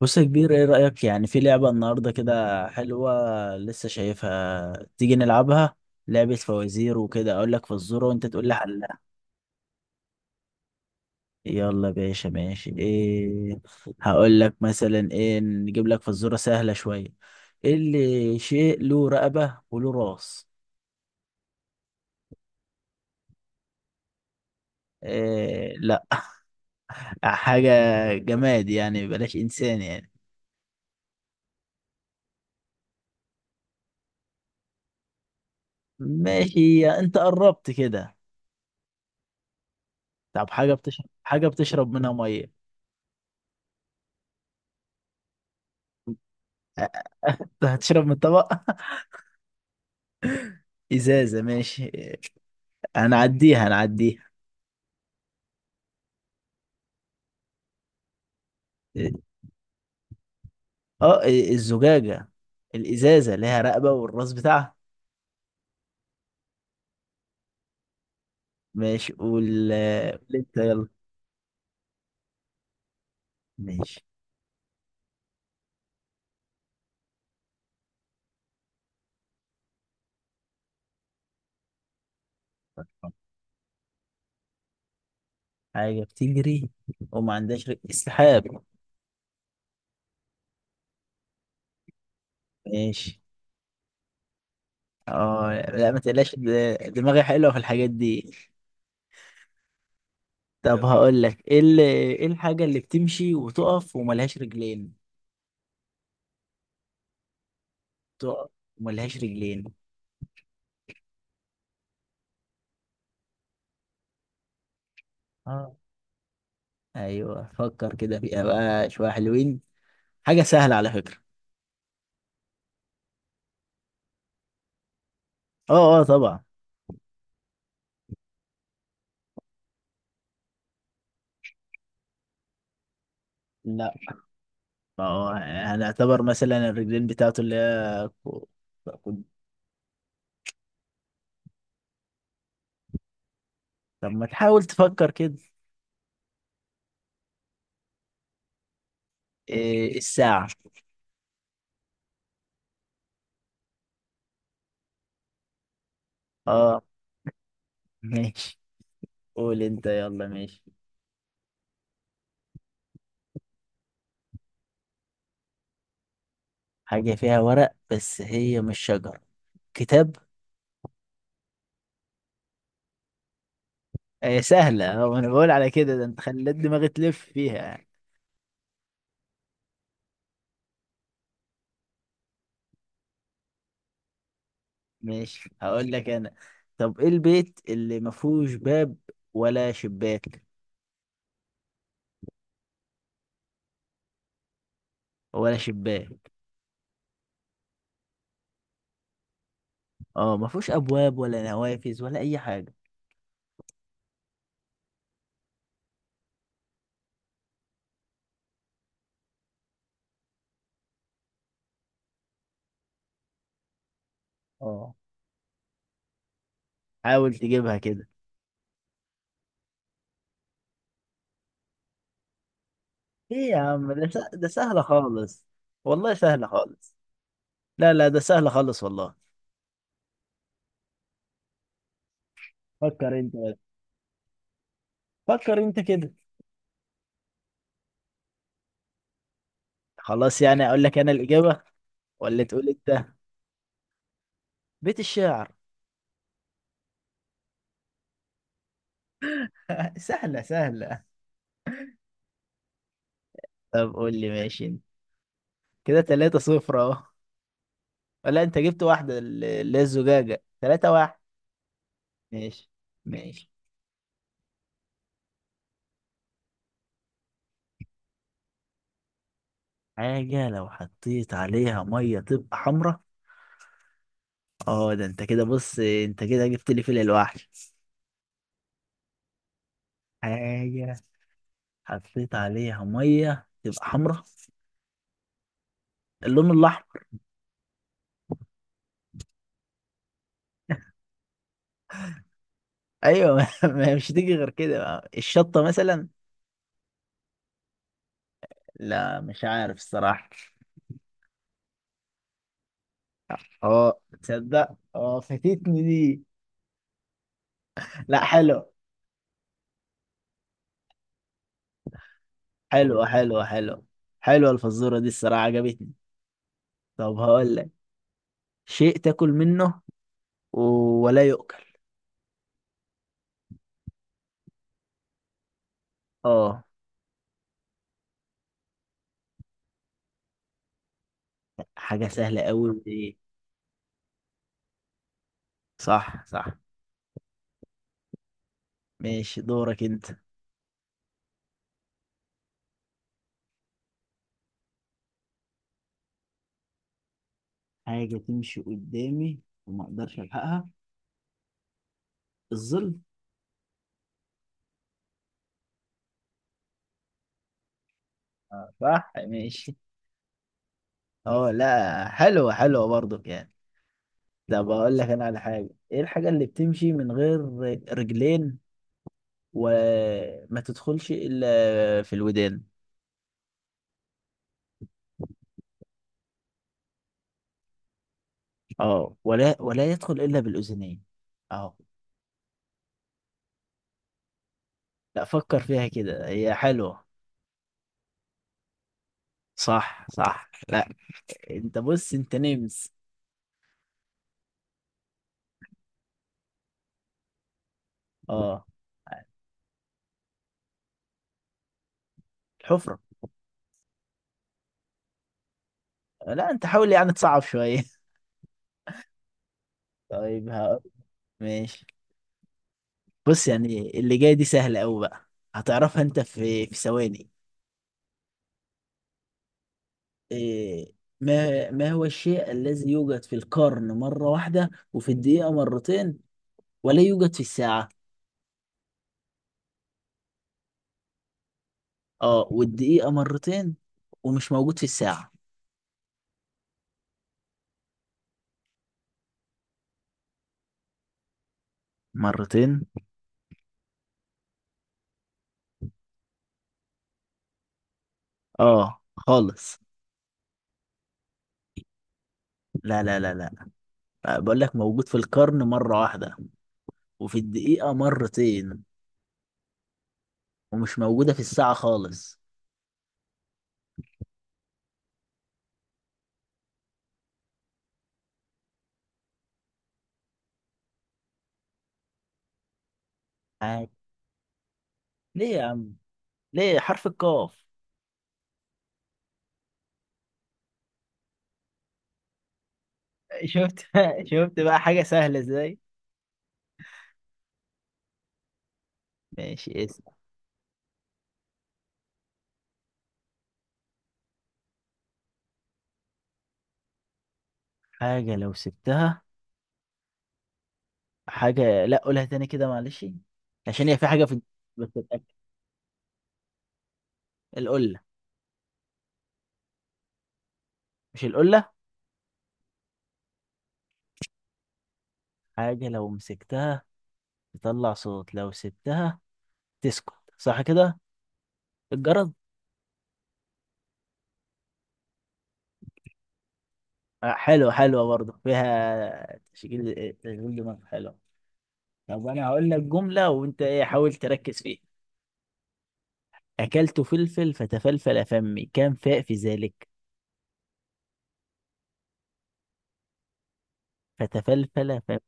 بص يا كبير، ايه رأيك يعني في لعبة النهاردة كده؟ حلوة؟ لسه شايفها تيجي نلعبها. لعبة فوازير وكده، اقول لك فزورة وانت تقول لي حلها. يلا يا باشا، ماشي. ايه هقول لك مثلا؟ ايه نجيب لك فزورة سهلة شوية. ايه اللي شيء له رقبة وله راس؟ إيه، لا، حاجة جماد يعني، بلاش انسان يعني. ماشي، انت قربت كده. طب حاجة بتشرب، منها مية. هتشرب من الطبق؟ ازازه، ماشي. هنعديها. اه، الزجاجه، الازازه ليها رقبه والراس بتاعها. ماشي وال قول انت يلا. ماشي. حاجه بتجري وما عندهاش رجل؟ السحاب. ماشي. اه لا، ما تقلقش، دماغي حلوه في الحاجات دي. طب هقول لك ايه، ايه الحاجه اللي بتمشي وتقف وملهاش رجلين؟ تقف وملهاش رجلين. اه. ايوه، فكر كده فيها بقى شويه حلوين. حاجه سهله على فكره. اه اه، طبعا. لا، ما هو هنعتبر مثلا الرجلين بتاعته اللي هي كو- طب ما تحاول تفكر كده؟ إيه الساعة. اه، ماشي. قول انت يلا. ماشي. حاجة فيها ورق بس هي مش شجر؟ كتاب. إيه سهلة؟ اه، انا بقول على كده، ده انت خليت دماغي تلف فيها يعني. ماشي، هقول لك انا. طب ايه البيت اللي ما فيهوش باب ولا شباك؟ ولا شباك. اه، ما فيهوش ابواب ولا نوافذ ولا اي حاجة. اه، حاول تجيبها كده. ايه يا عم؟ ده ده سهلة خالص، والله سهلة خالص. لا لا، ده سهلة خالص والله. فكر انت بس. فكر انت كده. خلاص يعني، اقول لك انا الإجابة ولا تقول انت؟ بيت الشعر. سهلة سهلة. طب قول لي، ماشي انت. كده تلاتة صفر اهو، ولا انت جبت واحدة اللي هي الزجاجة؟ تلاتة واحد. ماشي ماشي. حاجة لو حطيت عليها مية تبقى حمرا. اه، ده انت كده بص، انت كده جبت لي فيل الوحش. حاجة حطيت عليها ميه تبقى حمراء. اللون الاحمر. ايوه، ما هي مش هتيجي غير كده بقى. الشطه مثلا. لا مش عارف الصراحه. اه، تصدق اه فاتتني دي. لا، حلو حلو حلو. حلو، حلوه الفزوره دي الصراحه، عجبتني. طب هقول لك، شيء تاكل منه ولا يؤكل. اه، حاجه سهله قوي دي. صح صح، ماشي. دورك انت. حاجة تمشي قدامي وما اقدرش الحقها؟ الظل. آه، صح، ماشي. اه لا، حلوة حلوة برضك يعني. طب اقول لك انا على حاجة، ايه الحاجة اللي بتمشي من غير رجلين وما تدخلش الا في الودان؟ اه، ولا ولا يدخل الا بالاذنين. اه. لا، فكر فيها كده، هي حلوة. صح صح، لا، انت بص، انت نمس. اه الحفرة. لا، انت حاول يعني تصعب شوية. طيب هقول. ماشي. بص، يعني اللي جاي دي سهلة قوي بقى، هتعرفها انت في ثواني. إيه، ما هو الشيء الذي يوجد في القرن مرة واحدة وفي الدقيقة مرتين ولا يوجد في الساعة؟ اه، والدقيقة مرتين ومش موجود في الساعة مرتين. اه خالص. لا لا لا لا. آه، بقول لك موجود في القرن مرة واحدة وفي الدقيقة مرتين ومش موجودة في الساعة خالص. آه. ليه يا عم؟ ليه؟ حرف القاف. شفت؟ شفت بقى حاجة سهلة ازاي؟ ماشي. اسم حاجة لو سبتها، حاجة، لا قولها تاني كده معلش، عشان هي في حاجة، في بتتأكد. القلة. مش القلة. حاجة لو مسكتها تطلع صوت، لو سبتها تسكت، صح كده؟ الجرد. آه، حلوة حلوة برضه، فيها تشغيل دماغ حلو. طب أنا هقول لك جملة وأنت إيه، حاول تركز فيها. أكلت فلفل فتفلفل فمي، كم فاء في ذلك؟ فتفلفل فمي.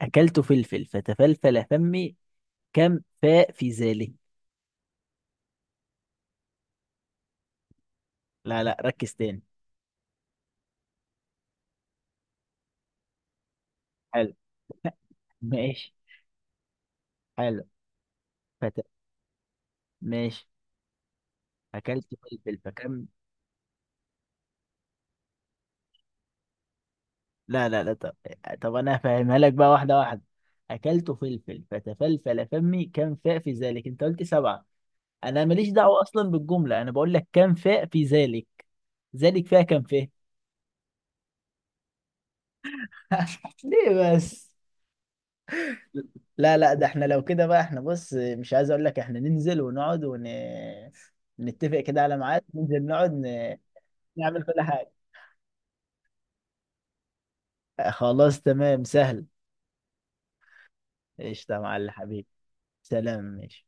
أكلت فلفل فتفلفل فمي، كم فاء في ذلك؟ لا لا، ركز تاني. حلو. ماشي. حلو. فت... ماشي. اكلت فلفل فكم. لا لا لا، طب، طب انا هفهمها لك بقى واحده واحده. اكلت فلفل فتفلفل فمي كم فاء في ذلك، انت قلت سبعه. انا ماليش دعوه اصلا بالجمله، انا بقول لك كم فاء في ذلك؟ ذلك فيها كم فاء. ليه بس؟ لا لا، ده احنا لو كده بقى احنا، بص، مش عايز اقول لك احنا ننزل ونقعد نتفق كده على ميعاد ننزل نقعد نعمل كل حاجه. خلاص، تمام، سهل. قشطه يا معلم حبيبي، سلام، ماشي.